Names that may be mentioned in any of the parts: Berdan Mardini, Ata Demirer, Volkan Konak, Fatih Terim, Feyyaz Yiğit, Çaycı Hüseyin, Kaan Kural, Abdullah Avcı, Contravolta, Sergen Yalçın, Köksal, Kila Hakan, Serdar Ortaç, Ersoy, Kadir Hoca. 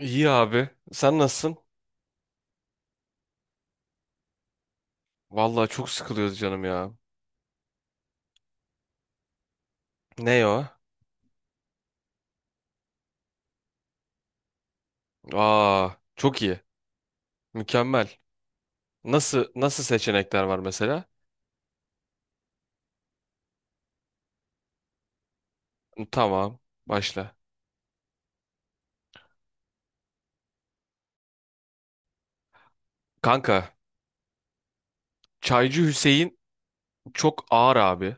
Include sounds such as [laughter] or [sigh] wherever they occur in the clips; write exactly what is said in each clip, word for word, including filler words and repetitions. İyi abi. Sen nasılsın? Vallahi çok sıkılıyoruz canım ya. Ne o? Aa, çok iyi. Mükemmel. Nasıl nasıl seçenekler var mesela? Tamam, başla. Kanka, Çaycı Hüseyin çok ağır abi.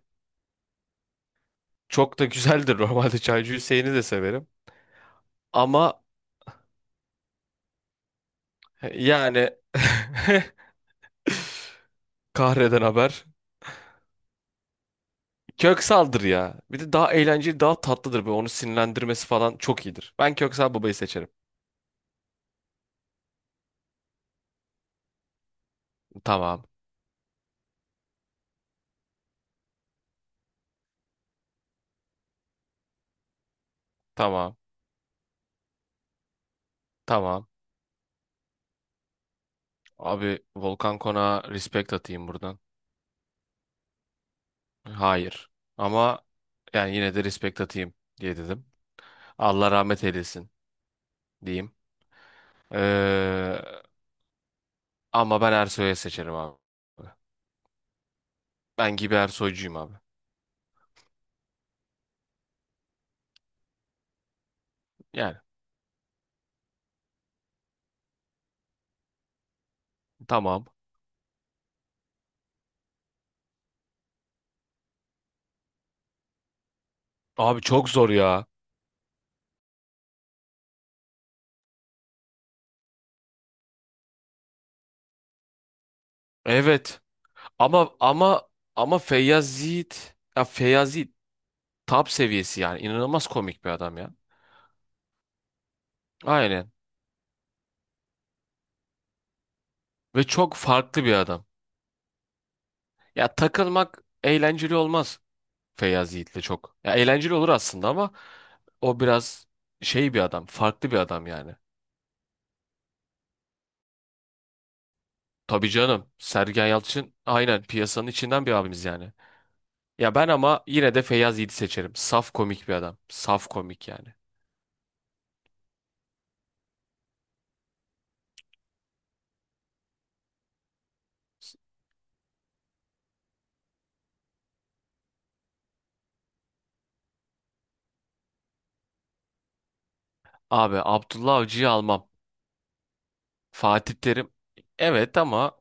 Çok da güzeldir [laughs] normalde Çaycı Hüseyin'i de severim. Ama yani [laughs] kahreden haber. Köksal'dır ya. Bir de daha eğlenceli, daha tatlıdır. Böyle onu sinirlendirmesi falan çok iyidir. Ben Köksal babayı seçerim. Tamam, tamam, tamam. Abi Volkan Konak'a respect atayım buradan. Hayır. Ama yani yine de respect atayım diye dedim. Allah rahmet eylesin diyeyim. Ee, ama ben Ersoy'u seçerim abi. Ben gibi Ersoy'cuyum abi. Yani tamam. Abi çok zor ya. Evet. Ama ama ama Feyyaz Yiğit. Ya Feyyaz Yiğit top seviyesi yani. İnanılmaz komik bir adam ya. Aynen. Ve çok farklı bir adam. Ya takılmak eğlenceli olmaz. Feyyaz Yiğit'le çok. Ya eğlenceli olur aslında ama o biraz şey bir adam, farklı bir adam yani. Tabii canım. Sergen Yalçın aynen piyasanın içinden bir abimiz yani. Ya ben ama yine de Feyyaz Yiğit'i seçerim. Saf komik bir adam. Saf komik yani. Abi Abdullah Avcı'yı almam. Fatih Terim evet ama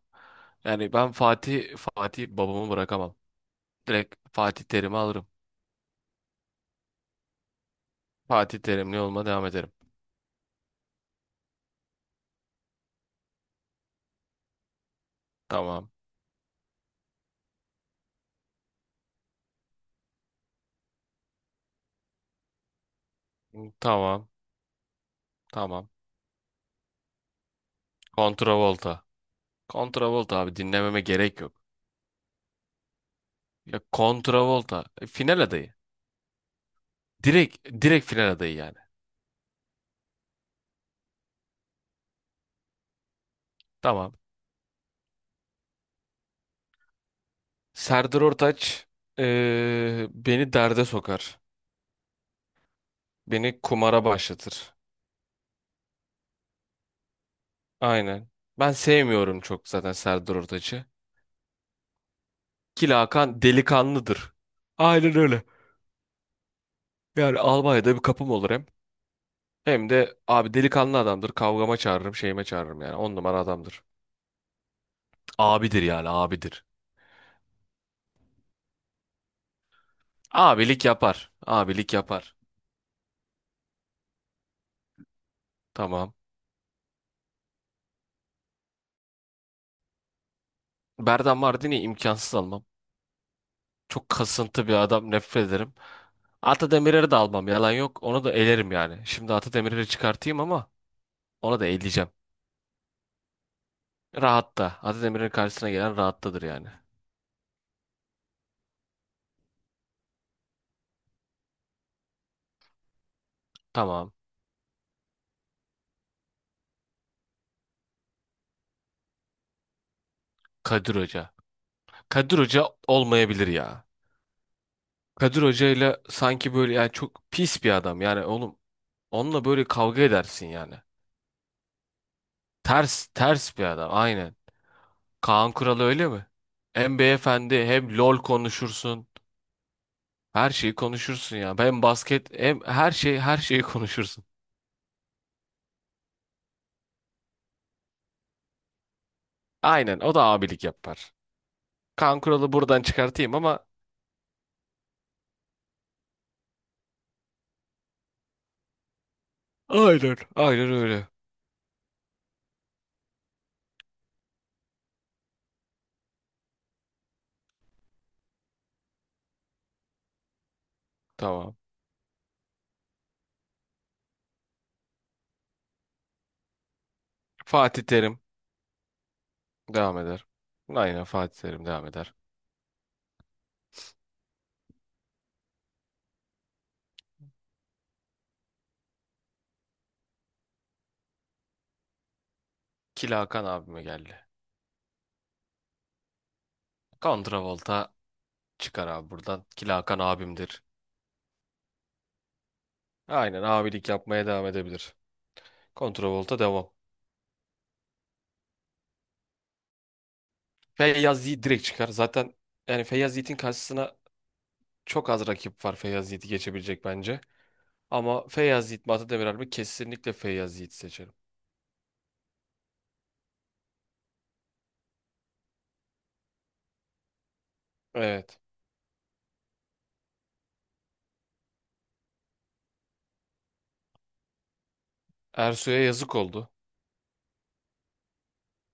yani ben Fatih Fatih babamı bırakamam. Direkt Fatih Terim'i alırım. Fatih Terimli olma devam ederim. Tamam. Tamam. Tamam. Kontravolta. Kontravolta abi dinlememe gerek yok. Ya Contravolta e, final adayı. Direkt direkt final adayı yani. Tamam. Serdar Ortaç e, beni derde sokar. Beni kumara başlatır. Aynen. Ben sevmiyorum çok zaten Serdar Ortaç'ı. Ki Hakan delikanlıdır. Aynen öyle. Yani Almanya'da bir kapım olur hem. Hem de abi delikanlı adamdır. Kavgama çağırırım, şeyime çağırırım yani. On numara adamdır. Abidir yani abidir. Abilik yapar. Abilik yapar. Tamam. Berdan Mardini imkansız almam. Çok kasıntı bir adam nefret ederim. Ata Demirer'i de almam yalan yok. Onu da elerim yani. Şimdi Ata Demirer'i çıkartayım ama onu da eleyeceğim. Rahatta. Ata Demirer'in karşısına gelen rahattadır yani. Tamam. Kadir Hoca. Kadir Hoca olmayabilir ya. Kadir Hoca ile sanki böyle yani çok pis bir adam. Yani oğlum onunla böyle kavga edersin yani. Ters ters bir adam aynen. Kaan Kural öyle mi? Hem beyefendi hem LOL konuşursun. Her şeyi konuşursun ya. Hem basket hem her şey her şeyi konuşursun. Aynen o da abilik yapar. Kaan Kural'ı buradan çıkartayım ama aynen. Aynen öyle. Tamam. Fatih Terim devam eder. Aynen Fatih Terim devam eder. Kila Hakan abime geldi. Kontravolta çıkar abi buradan. Kila Hakan abimdir. Aynen abilik yapmaya devam edebilir. Kontravolta devam. Feyyaz Yiğit direkt çıkar. Zaten yani Feyyaz Yiğit'in karşısına çok az rakip var Feyyaz Yiğit'i geçebilecek bence. Ama Feyyaz Yiğit mi Atademir mi? Kesinlikle Feyyaz Yiğit seçerim. Evet. Ersoy'a yazık oldu.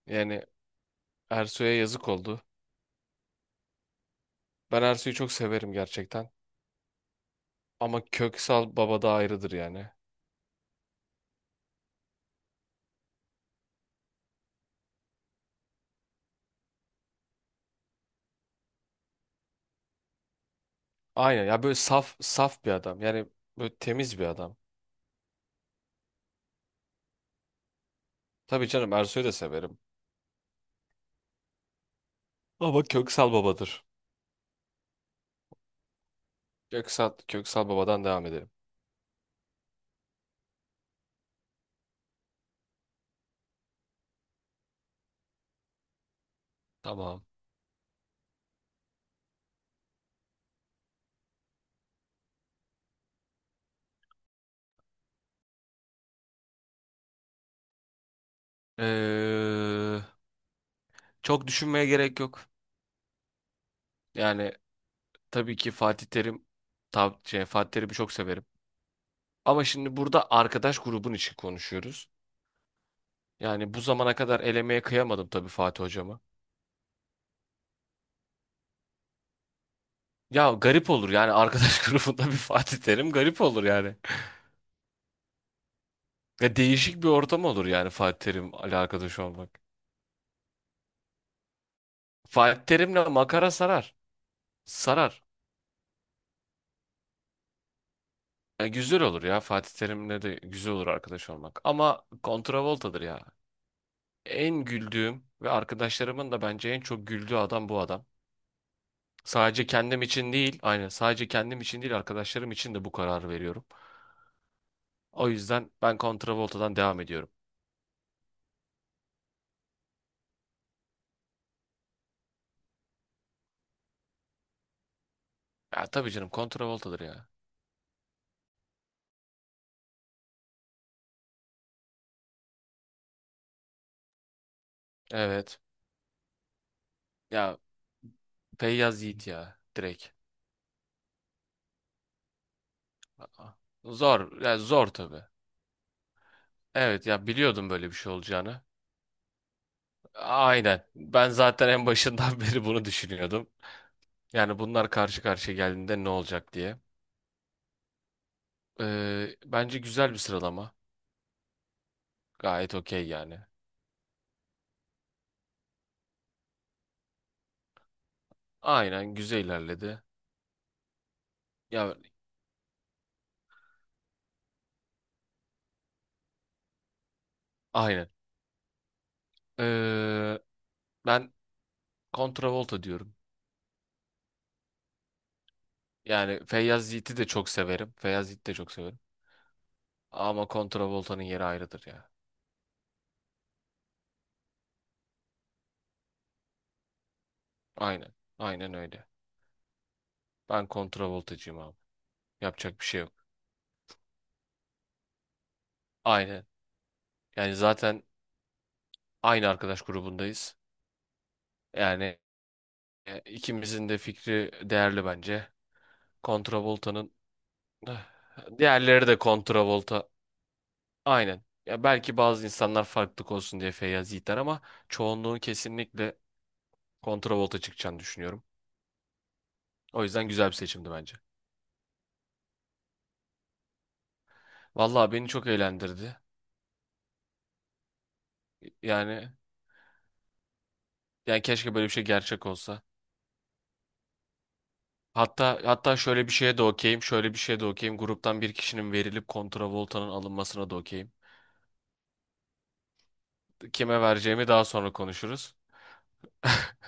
Yani Ersoy'a yazık oldu. Ben Ersoy'u çok severim gerçekten. Ama Köksal Baba da ayrıdır yani. Aynen ya böyle saf saf bir adam. Yani böyle temiz bir adam. Tabii canım Ersoy'u da severim. Ama Köksal Baba'dır. Köksal, Köksal Baba'dan devam edelim. Tamam. Ee, çok düşünmeye gerek yok. Yani tabii ki Fatih Terim, tab şey, Fatih Terim'i çok severim. Ama şimdi burada arkadaş grubun için konuşuyoruz. Yani bu zamana kadar elemeye kıyamadım tabii Fatih hocama. Ya garip olur yani arkadaş [laughs] grubunda bir Fatih Terim garip olur yani. Ya değişik bir ortam olur yani Fatih terim Terim'le arkadaş olmak. Fatih Terim'le makara sarar. Sarar. Ya güzel olur ya Fatih Terim'le de güzel olur arkadaş olmak. Ama kontravoltadır ya. En güldüğüm ve arkadaşlarımın da bence en çok güldüğü adam bu adam. Sadece kendim için değil, aynen sadece kendim için değil arkadaşlarım için de bu kararı veriyorum. O yüzden ben Volta'dan devam ediyorum. Ya tabii canım Volta'dır ya. Evet. Ya Feyyaz Yiğit ya direkt. Aa, zor. Ya zor tabii. Evet ya biliyordum böyle bir şey olacağını. Aynen. Ben zaten en başından [laughs] beri bunu düşünüyordum. Yani bunlar karşı karşıya geldiğinde ne olacak diye. Ee, bence güzel bir sıralama. Gayet okey yani. Aynen güzel ilerledi. Ya aynen. Ee, ben Volta diyorum. Yani Feyyaz Yiğit'i de çok severim. Feyyaz Yiğit'i de çok severim. Ama Volta'nın yeri ayrıdır ya. Aynen. Aynen öyle. Ben Voltacıyım abi. Yapacak bir şey yok. Aynen. Yani zaten aynı arkadaş grubundayız. Yani e, ikimizin de fikri değerli bence. Volta'nın [sighs] diğerleri de Volta. Aynen. Ya belki bazı insanlar farklılık olsun diye Feyyaz Yiğit'ler ama çoğunluğun kesinlikle Volta çıkacağını düşünüyorum. O yüzden güzel bir seçimdi bence. Vallahi beni çok eğlendirdi. Yani yani keşke böyle bir şey gerçek olsa. Hatta hatta şöyle bir şeye de okeyim, şöyle bir şeye de okeyim. Gruptan bir kişinin verilip kontravoltanın alınmasına da okeyim. Kime vereceğimi daha sonra konuşuruz. [laughs]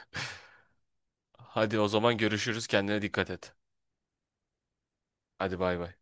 Hadi o zaman görüşürüz. Kendine dikkat et. Hadi bay bay.